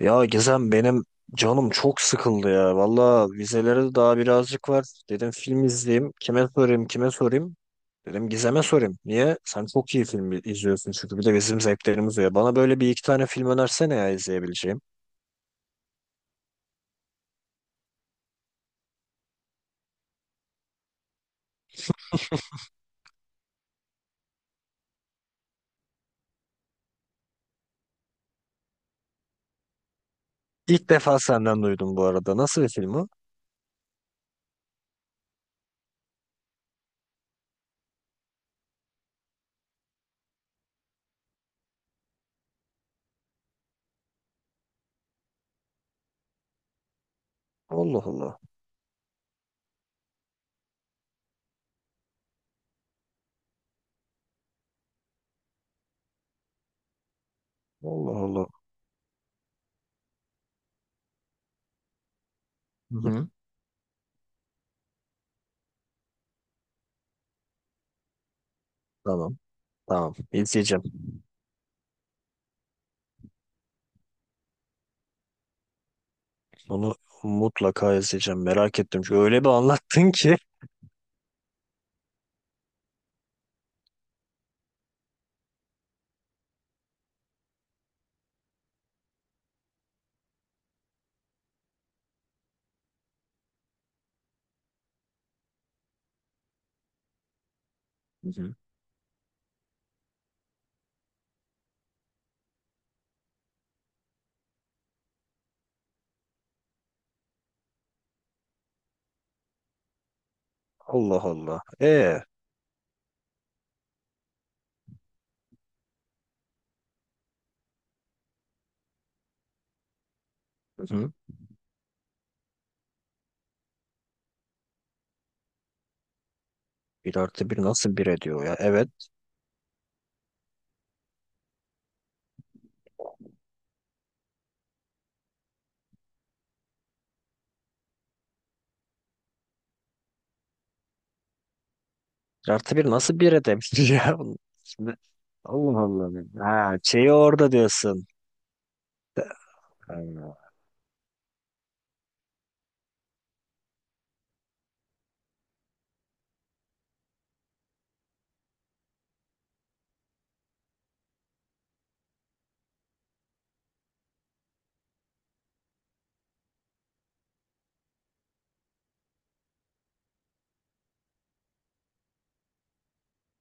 Ya Gizem benim canım çok sıkıldı ya. Valla vizelere daha birazcık var. Dedim film izleyeyim. Kime sorayım, kime sorayım? Dedim Gizem'e sorayım. Niye? Sen çok iyi film izliyorsun çünkü bir de bizim zevklerimiz var. Bana böyle bir iki tane film önersene ya izleyebileceğim. İlk defa senden duydum bu arada. Nasıl bir film o? Allah Allah. Allah Allah. Hı hı. Tamam. Tamam. İzleyeceğim. Bunu mutlaka izleyeceğim. Merak ettim. Çünkü öyle bir anlattın ki. Hı hı. Allah Allah. Hı. hı. Bir artı bir nasıl bir ediyor ya? Evet. Bir artı bir nasıl bir edebilir ya? Şimdi Allah Allah. Ha, şeyi orada diyorsun. Ha.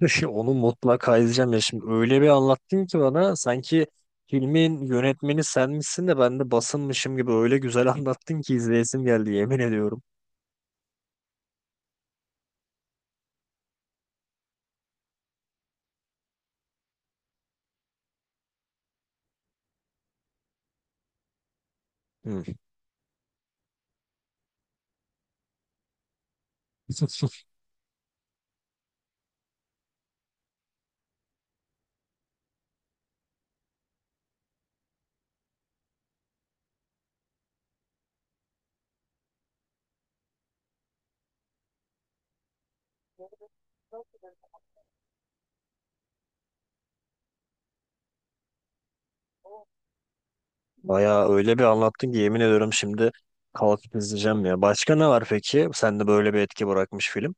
Onu mutlaka izleyeceğim ya şimdi öyle bir anlattın ki bana sanki filmin yönetmeni sen misin de ben de basınmışım gibi öyle güzel anlattın ki izleyesim geldi yemin ediyorum. Hı. Bayağı öyle bir anlattın ki yemin ediyorum şimdi kalkıp izleyeceğim ya. Başka ne var peki? Sende böyle bir etki bırakmış film.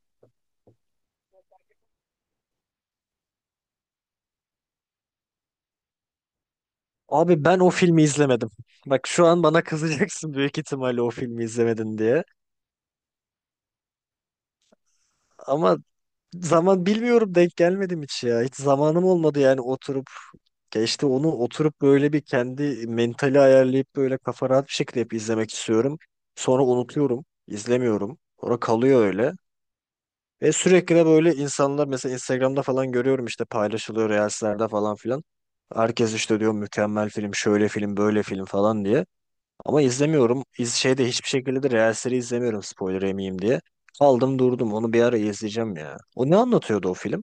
Abi ben o filmi izlemedim. Bak şu an bana kızacaksın büyük ihtimalle o filmi izlemedin diye. Ama zaman bilmiyorum denk gelmedim hiç ya. Hiç zamanım olmadı yani oturup. Ya işte onu oturup böyle bir kendi mentali ayarlayıp böyle kafa rahat bir şekilde hep izlemek istiyorum. Sonra unutuyorum, izlemiyorum. Sonra kalıyor öyle. Ve sürekli de böyle insanlar mesela Instagram'da falan görüyorum işte paylaşılıyor Reels'lerde falan filan. Herkes işte diyor mükemmel film, şöyle film, böyle film falan diye. Ama izlemiyorum. Şeyde hiçbir şekilde de Reels'leri izlemiyorum spoiler yemeyeyim diye. Aldım durdum. Onu bir ara izleyeceğim ya. O ne anlatıyordu o film?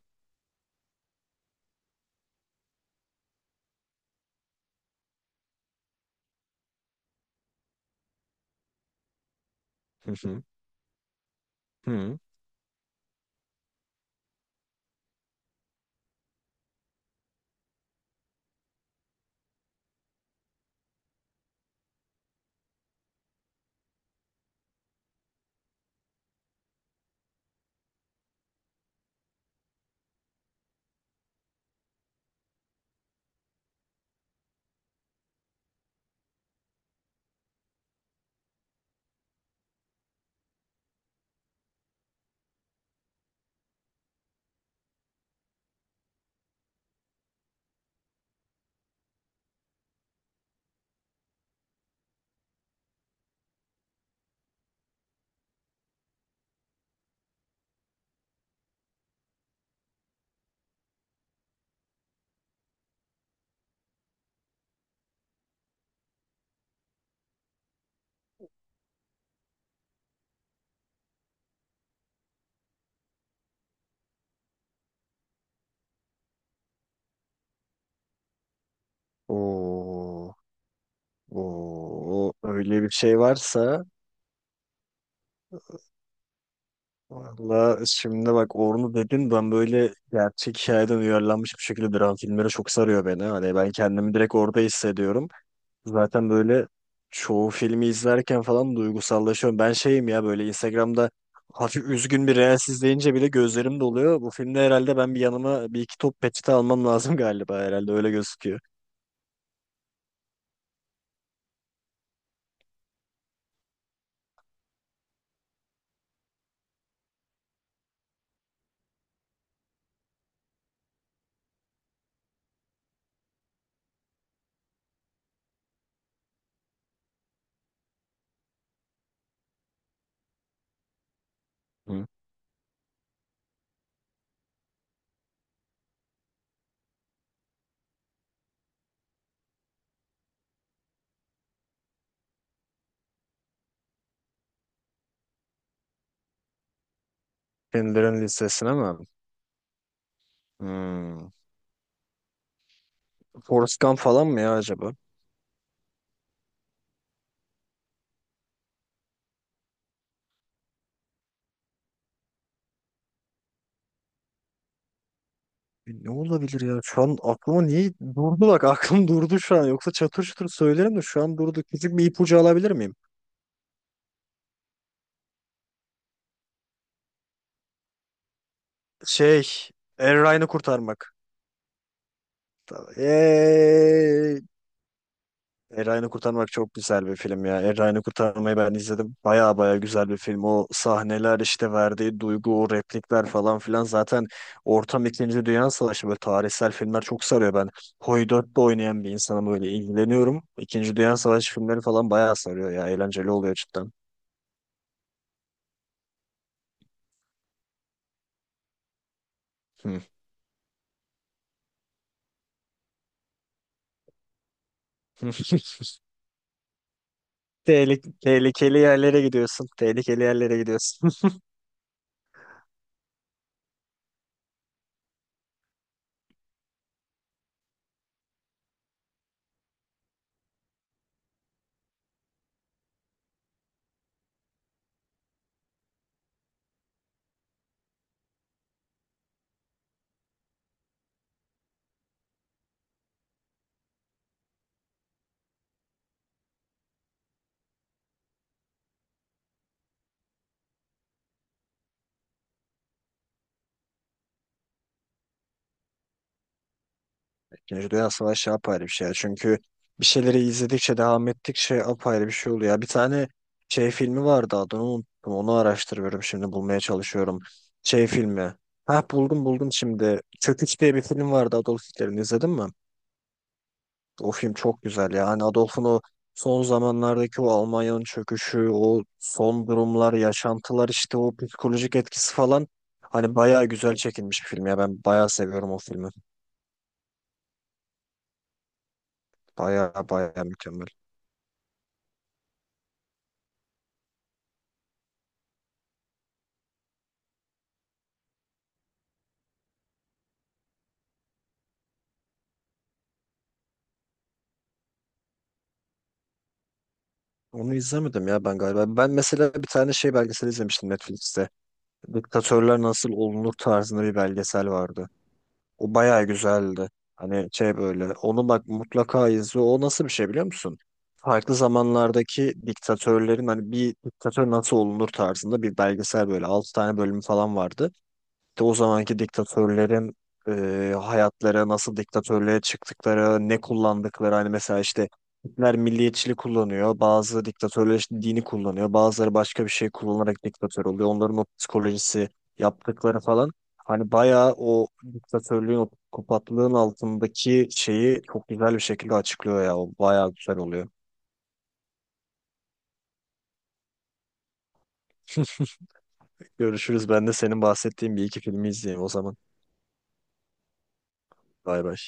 Hı hı. Hı. Oo. Oo, öyle bir şey varsa valla şimdi bak onu dedin ben böyle gerçek hikayeden uyarlanmış bir şekilde dram filmleri çok sarıyor beni. Hani ben kendimi direkt orada hissediyorum. Zaten böyle çoğu filmi izlerken falan duygusallaşıyorum. Ben şeyim ya böyle Instagram'da hafif üzgün bir reels izleyince bile gözlerim doluyor. Bu filmde herhalde ben bir yanıma bir iki top peçete almam lazım galiba herhalde öyle gözüküyor. Hı. Filmlerin listesine mi? Hmm. Forrest Gump falan mı ya acaba? Ne olabilir ya? Şu an aklıma niye durdu bak aklım durdu şu an. Yoksa çatır çatır söylerim de şu an durdu. Küçük bir ipucu alabilir miyim? Şey, Erryan'ı kurtarmak. Eee, Erryan'ı kurtarmak çok güzel bir film ya. Erryan'ı kurtarmayı ben izledim. Baya baya güzel bir film. O sahneler işte verdiği duygu, o replikler falan filan. Zaten ortam İkinci Dünya Savaşı böyle tarihsel filmler çok sarıyor ben. Hoydört'te oynayan bir insanım böyle ilgileniyorum. İkinci Dünya Savaşı filmleri falan baya sarıyor ya. Eğlenceli oluyor cidden. Hı. Tehlikeli yerlere gidiyorsun. Tehlikeli yerlere gidiyorsun. İkinci Dünya Savaşı apayrı bir şey, ya. Çünkü bir şeyleri izledikçe, devam ettikçe apayrı bir şey oluyor. Bir tane şey filmi vardı adını unuttum. Onu araştırıyorum şimdi bulmaya çalışıyorum. Şey filmi. Ha buldum buldum şimdi. Çöküş diye bir film vardı, Adolf Hitler'in, izledin mi? O film çok güzel ya. Hani Adolf'un o son zamanlardaki o Almanya'nın çöküşü, o son durumlar, yaşantılar işte o psikolojik etkisi falan, hani bayağı güzel çekilmiş bir film ya. Ben bayağı seviyorum o filmi. Bayağı bayağı mükemmel. Onu izlemedim ya ben galiba. Ben mesela bir tane şey belgesel izlemiştim Netflix'te. Diktatörler nasıl olunur tarzında bir belgesel vardı. O bayağı güzeldi. Hani şey böyle onu bak mutlaka izle. O nasıl bir şey biliyor musun? Farklı zamanlardaki diktatörlerin hani bir diktatör nasıl olunur tarzında bir belgesel böyle 6 tane bölümü falan vardı. İşte o zamanki diktatörlerin hayatları nasıl diktatörlüğe çıktıkları, ne kullandıkları hani mesela işte Hitler milliyetçilik kullanıyor, bazı diktatörler işte dini kullanıyor, bazıları başka bir şey kullanarak diktatör oluyor. Onların o psikolojisi, yaptıkları falan hani bayağı o diktatörlüğün, o psikopatlığın altındaki şeyi çok güzel bir şekilde açıklıyor ya. O bayağı güzel oluyor. Görüşürüz. Ben de senin bahsettiğin bir iki filmi izleyeyim o zaman. Bay bay.